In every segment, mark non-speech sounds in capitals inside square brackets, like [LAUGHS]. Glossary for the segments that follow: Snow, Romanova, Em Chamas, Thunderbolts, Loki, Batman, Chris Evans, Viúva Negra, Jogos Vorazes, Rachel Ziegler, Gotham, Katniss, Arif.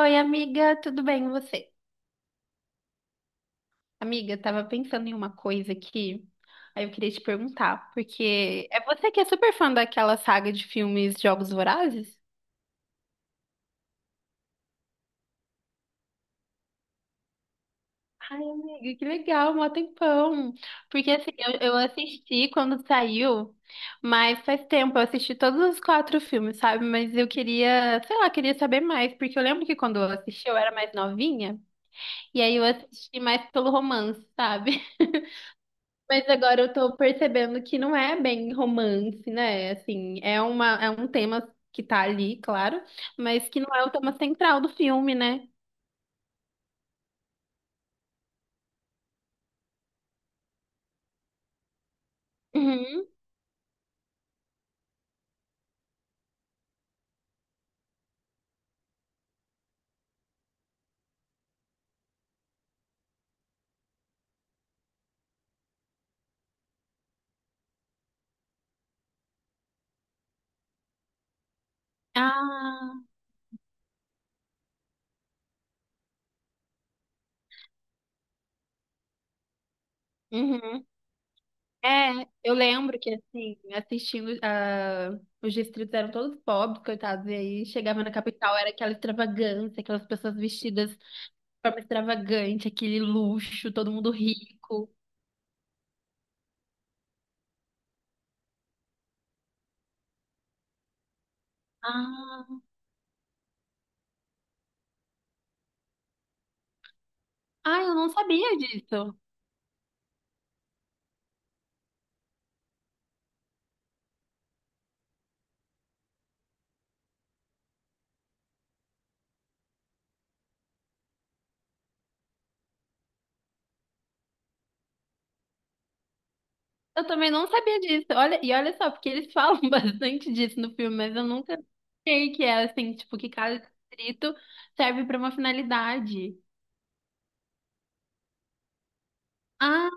Oi, amiga, tudo bem? E você? Amiga, eu tava pensando em uma coisa aqui, aí eu queria te perguntar, porque é você que é super fã daquela saga de filmes Jogos Vorazes? Ai, amiga, que legal, mó tempão. Porque assim, eu assisti quando saiu, mas faz tempo, eu assisti todos os quatro filmes, sabe? Mas eu queria, sei lá, queria saber mais, porque eu lembro que quando eu assisti eu era mais novinha, e aí eu assisti mais pelo romance, sabe? [LAUGHS] Mas agora eu tô percebendo que não é bem romance, né? Assim, é um tema que tá ali, claro, mas que não é o tema central do filme, né? Uhum. Ah, uhum. É, eu lembro que, assim, assistindo, ah, os distritos eram todos pobres, coitados, e aí chegava na capital, era aquela extravagância, aquelas pessoas vestidas de forma extravagante, aquele luxo, todo mundo rico. Ah, ah, eu não sabia disso. Eu também não sabia disso. Olha, e olha só, porque eles falam [LAUGHS] bastante disso no filme, mas eu nunca sei que é assim, tipo, que cada distrito serve para uma finalidade. Ah,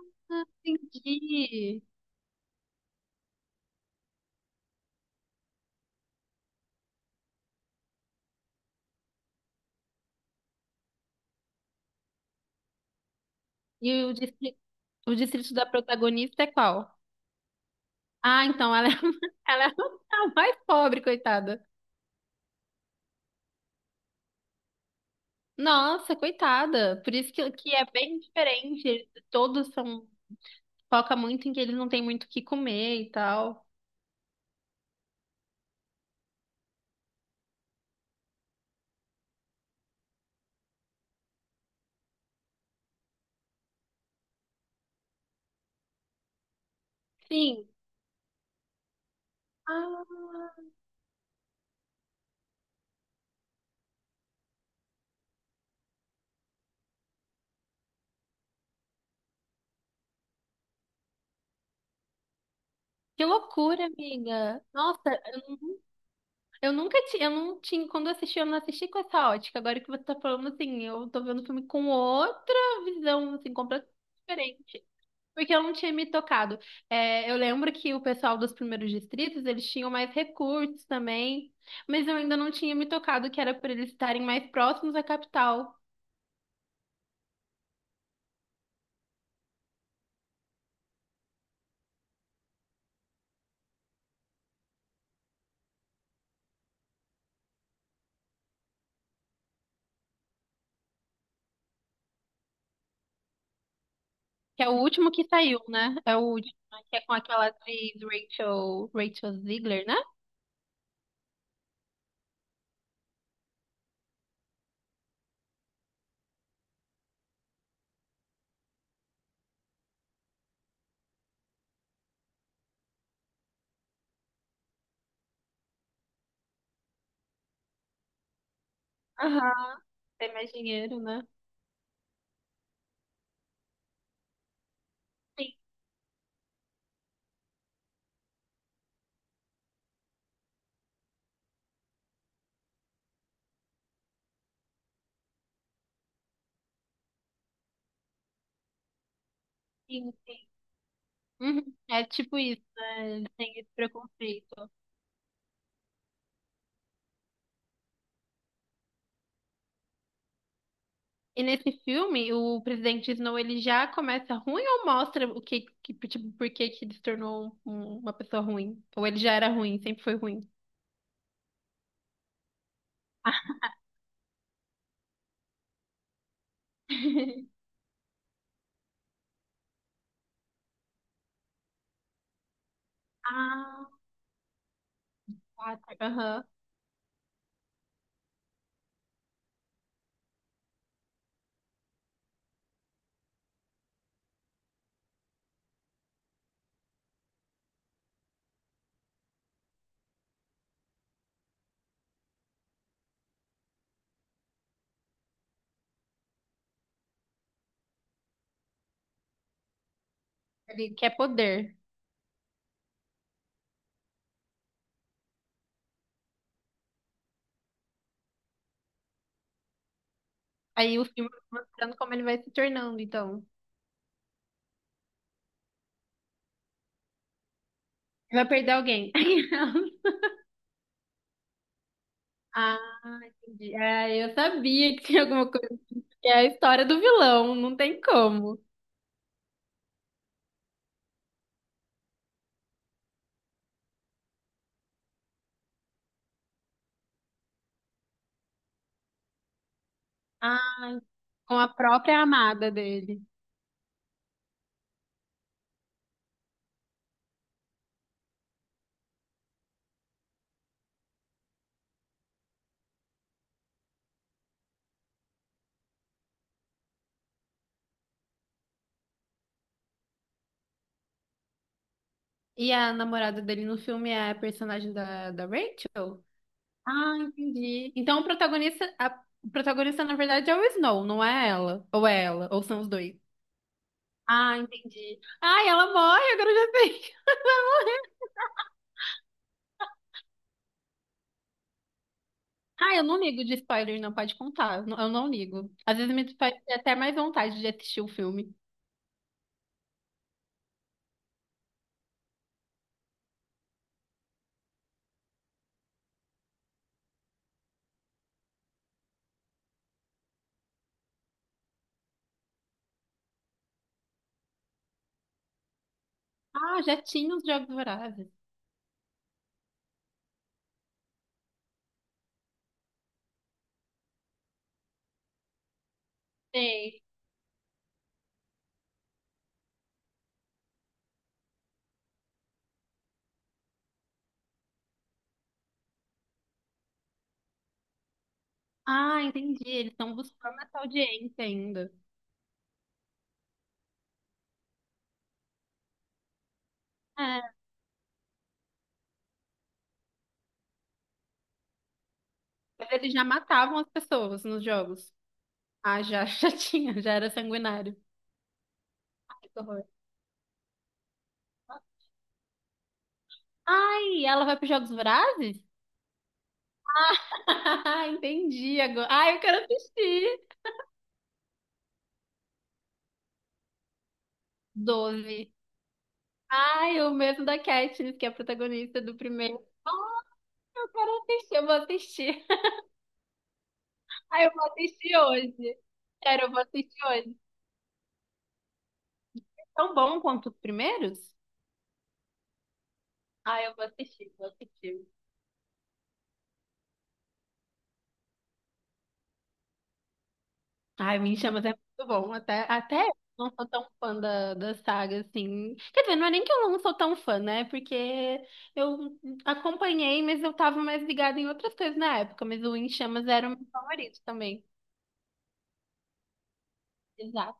entendi. E o distrito da protagonista é qual? Ah, então ela é, [LAUGHS] ela é a mais pobre, coitada. Nossa, coitada. Por isso que é bem diferente. Eles Todos são, foca muito em que eles não têm muito o que comer e tal. Sim. Ah, que loucura, amiga. Nossa, eu, nu- eu nunca tinha, eu não tinha, quando eu assisti, eu não assisti com essa ótica. Agora que você tá falando assim, eu tô vendo o filme com outra visão, assim, completamente diferente. Porque eu não tinha me tocado. É, eu lembro que o pessoal dos primeiros distritos, eles tinham mais recursos também, mas eu ainda não tinha me tocado que era por eles estarem mais próximos à capital, que é o último que saiu, né? É o último, né? Que é com aquela atriz Rachel Ziegler, né? Aham. Tem mais dinheiro, né? Sim, sim. Uhum. É tipo isso, né? Tem esse preconceito. E nesse filme, o presidente Snow, ele já começa ruim ou mostra o que, que tipo, por que que ele se tornou um- uma pessoa ruim? Ou ele já era ruim, sempre foi ruim? [LAUGHS] Ah, tá, tá. Aham. Ele quer poder. Aí o filme vai mostrando como ele vai se tornando, então. Ele vai perder alguém. [LAUGHS] Ah, entendi. Ah, eu sabia que tinha alguma coisa. Que é a história do vilão, não tem como. Com a própria amada dele. E a namorada dele no filme é a personagem da Rachel? Ah, entendi. Então o protagonista na verdade é o Snow, não é ela? Ou é ela? Ou são os dois? Ah, entendi. Ai, ela morre, agora eu já sei. [LAUGHS] Ah, eu não ligo de spoiler, não pode contar. Eu não ligo. Às vezes me faz ter até mais vontade de assistir o filme. Ah, já tinha os Jogos Vorazes. Sei. Ah, entendi. Eles estão buscando essa audiência ainda. É. Mas eles já matavam as pessoas nos jogos. Ah, já, [LAUGHS] já tinha, já era sanguinário. Ai, que horror. Ai, ela vai para os Jogos Vorazes? [LAUGHS] Entendi agora. Ai, eu quero assistir. Doze. Ai, o mesmo da Katniss, que é a protagonista do primeiro. Ai, eu quero assistir, eu vou assistir. Ai, eu vou assistir hoje. Sério, eu vou assistir hoje. Tão bom quanto os primeiros? Ai, eu vou assistir, vou assistir. Ai, Me Chamas é muito bom. Até, até eu não sou tão fã da saga, assim. Quer dizer, não é nem que eu não sou tão fã, né? Porque eu acompanhei, mas eu tava mais ligada em outras coisas na época. Mas o Em Chamas era o meu favorito também. Exato.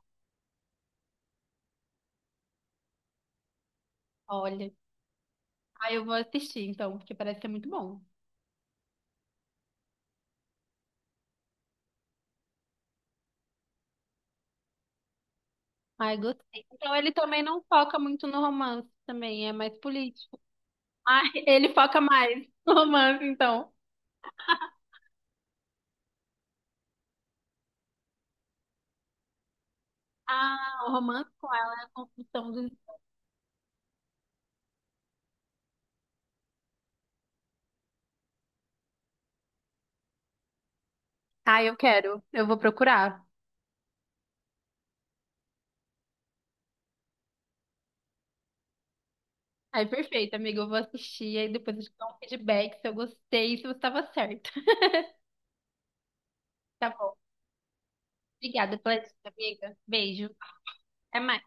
Olha. Ai, eu vou assistir, então, porque parece ser muito bom. Ai, gostei. Então, ele também não foca muito no romance também, é mais político. [LAUGHS] Ai, ele foca mais no romance, então. Ah, o romance com ela é a construção dos... Ah, eu quero. Eu vou procurar. Ai, perfeito, amiga. Eu vou assistir e depois eu te dou um feedback se eu gostei e se você estava certa. [LAUGHS] Tá bom. Obrigada pela dica, amiga. Beijo. Até mais.